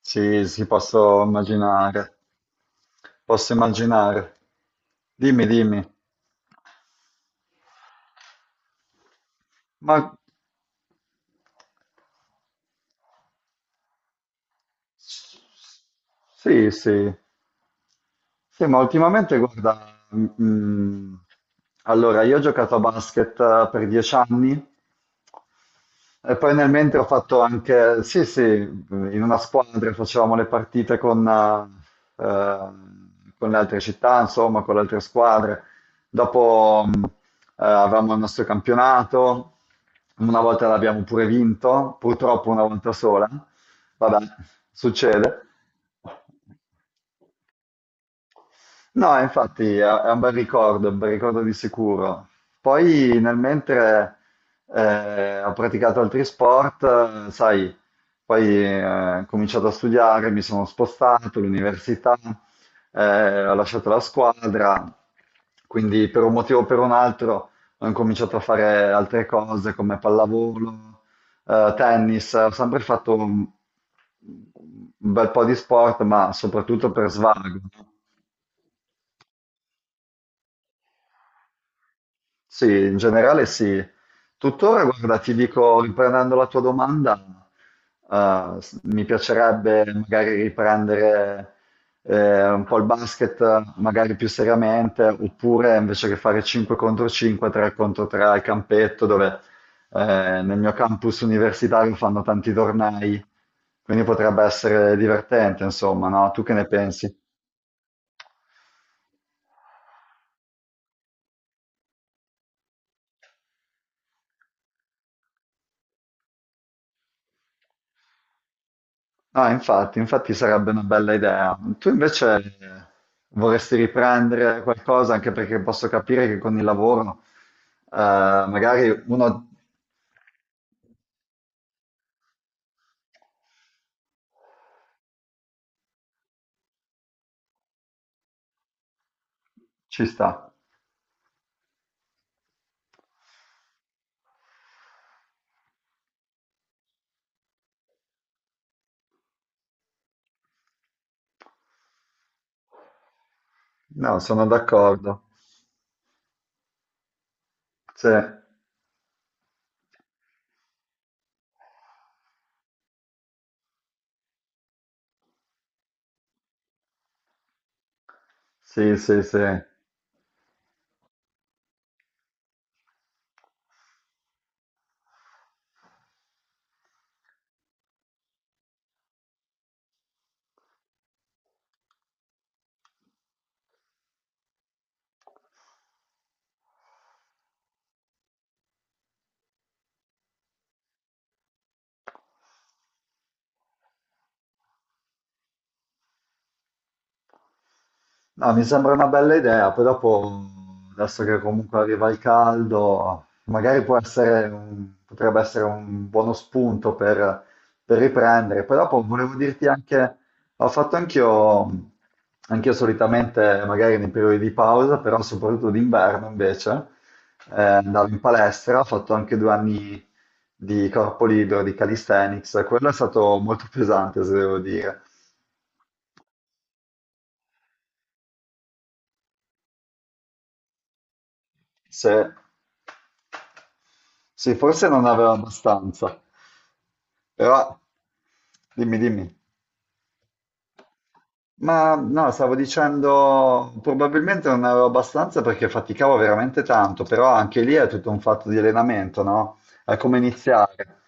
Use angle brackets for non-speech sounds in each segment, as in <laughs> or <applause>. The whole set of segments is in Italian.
Sì, sì, posso immaginare, posso immaginare. Dimmi, dimmi, ma sì, sì, sì, ma ultimamente guarda, allora io ho giocato a basket per 10 anni. E poi nel mentre ho fatto anche, sì, sì, in una squadra facevamo le partite eh, con le altre città, insomma, con le altre squadre. Dopo avevamo il nostro campionato, una volta l'abbiamo pure vinto, purtroppo una volta sola, vabbè, succede. No, infatti è un bel ricordo di sicuro. Poi nel mentre ho praticato altri sport, sai, poi ho cominciato a studiare, mi sono spostato all'università, ho lasciato la squadra, quindi per un motivo o per un altro ho incominciato a fare altre cose come pallavolo, tennis, ho sempre fatto un bel po' di sport, ma soprattutto per svago. No? Sì, in generale sì. Tuttora, guarda, ti dico, riprendendo la tua domanda, mi piacerebbe magari riprendere un po' il basket, magari più seriamente, oppure invece che fare 5 contro 5, 3 contro 3 al campetto, dove eh, nel mio campus universitario fanno tanti tornei, quindi potrebbe essere divertente, insomma, no? Tu che ne pensi? Ah, infatti, infatti sarebbe una bella idea. Tu invece vorresti riprendere qualcosa, anche perché posso capire che con il lavoro magari uno ci sta. No, sono d'accordo. Sì, sì, sì, sì. No, mi sembra una bella idea, poi dopo, adesso che comunque arriva il caldo, magari potrebbe essere un buono spunto per riprendere. Poi dopo volevo dirti anche, ho fatto anch'io, anch'io solitamente, magari nei periodi di pausa, però soprattutto d'inverno invece, andavo in palestra, ho fatto anche 2 anni di corpo libero, di calisthenics, quello è stato molto pesante, se devo dire. Se, sì, forse non aveva abbastanza, però dimmi, dimmi. Ma no, stavo dicendo, probabilmente non avevo abbastanza perché faticavo veramente tanto, però anche lì è tutto un fatto di allenamento, no? È come iniziare.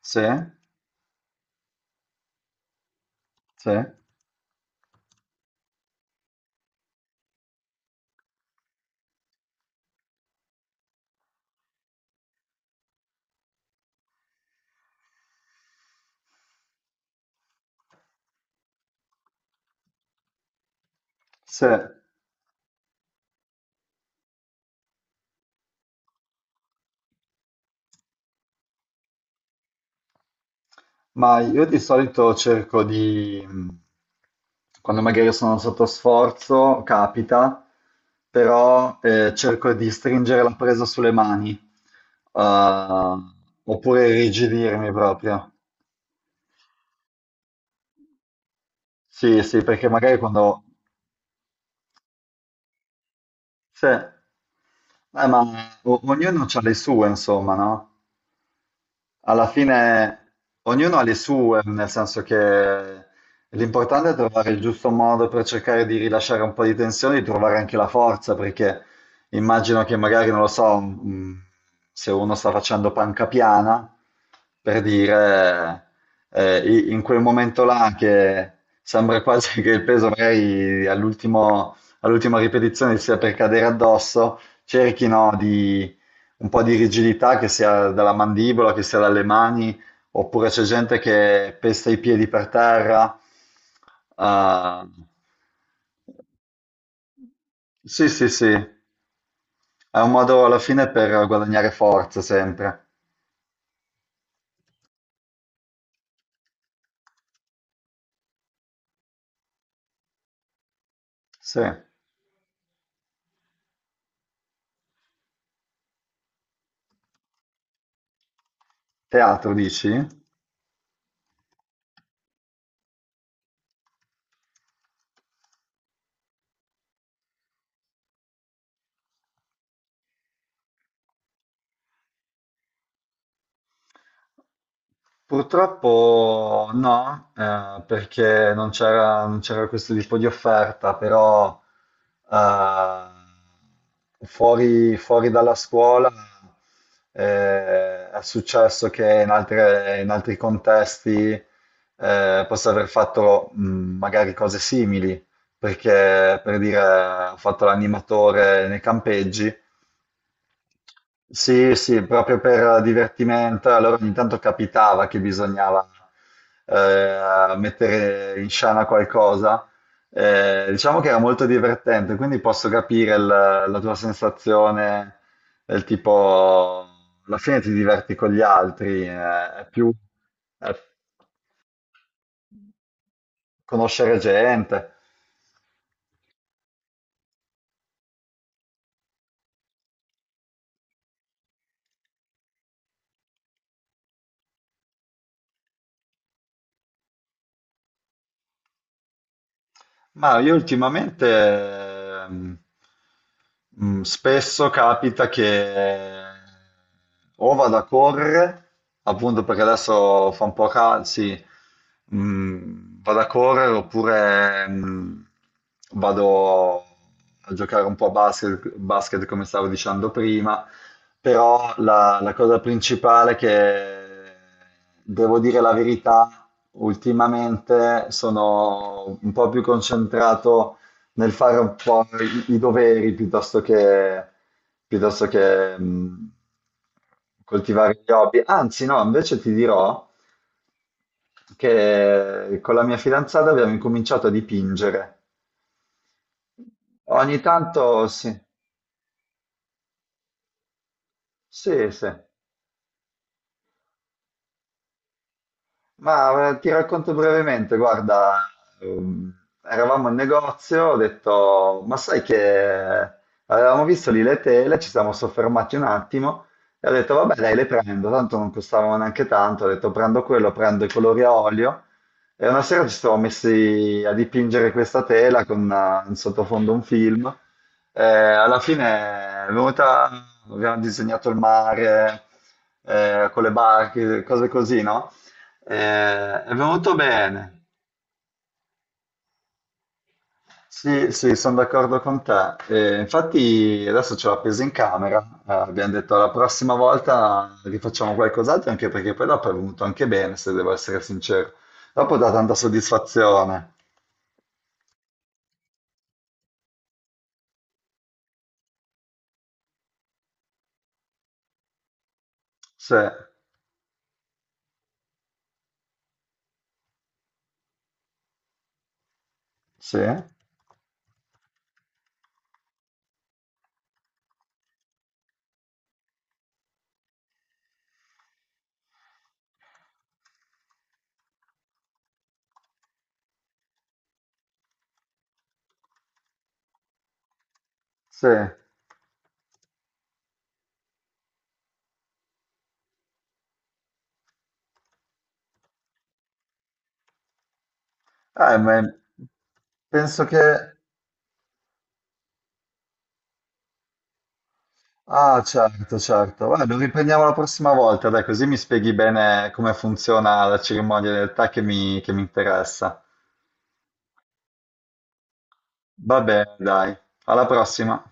Sì, sì, sì. Ma io di solito cerco di, quando magari sono sotto sforzo, capita, però cerco di stringere la presa sulle mani, eh, oppure irrigidirmi proprio. Sì, sì, perché magari quando... Sì, eh, ma ognuno ha le sue, insomma, no? Alla fine ognuno ha le sue, nel senso che l'importante è trovare il giusto modo per cercare di rilasciare un po' di tensione, di trovare anche la forza, perché immagino che magari, non lo so, se uno sta facendo panca piana, per dire, in quel momento là che sembra quasi <laughs> che il peso magari all'ultima ripetizione sia per cadere addosso, cerchino un po' di rigidità, che sia dalla mandibola, che sia dalle mani, oppure c'è gente che pesta i piedi per terra. Ah, sì, sì, sì, è un modo alla fine per guadagnare forza sempre. Sì. Teatro, dici? Purtroppo no, perché non c'era questo tipo di offerta, però fuori dalla scuola è successo che in altri contesti possa aver fatto magari cose simili, perché per dire ho fatto l'animatore nei campeggi sì, sì, proprio per divertimento. Allora ogni tanto capitava che bisognava mettere in scena qualcosa. Diciamo che era molto divertente, quindi posso capire la tua sensazione del tipo, alla fine ti diverti con gli altri, è conoscere gente. Ma io ultimamente ehm, spesso capita che o vado a correre, appunto perché adesso fa un po' caldo, sì, vado a correre oppure vado a giocare un po' a basket, come stavo dicendo prima, però la cosa principale che devo dire la verità, ultimamente sono un po' più concentrato nel fare un po' i doveri piuttosto che, piuttosto che mh, coltivare gli hobby. Anzi, no, invece ti dirò che con la mia fidanzata abbiamo incominciato a dipingere. Ogni tanto sì, sì, sì. Ma ti racconto brevemente, guarda, ehm, eravamo in negozio, ho detto, ma sai che eh, avevamo visto lì le tele, ci siamo soffermati un attimo e ho detto, vabbè, dai, le prendo, tanto non costavano neanche tanto, ho detto, prendo quello, prendo i colori a olio e una sera ci siamo messi a dipingere questa tela con in sottofondo un film. Alla fine è venuta, abbiamo disegnato il mare con le barche, cose così, no? È venuto bene. Sì, sì, sono d'accordo con te. E infatti adesso ce l'ho appesa in camera. Abbiamo detto la prossima volta rifacciamo qualcos'altro, anche perché poi dopo è venuto anche bene, se devo essere sincero. Dopo dà tanta soddisfazione. Sì, sì, sì. Ma penso che... Ah, certo, certo. Vabbè, lo riprendiamo la prossima volta, dai, così mi spieghi bene come funziona la cerimonia del tè che mi interessa. Va bene, dai, alla prossima!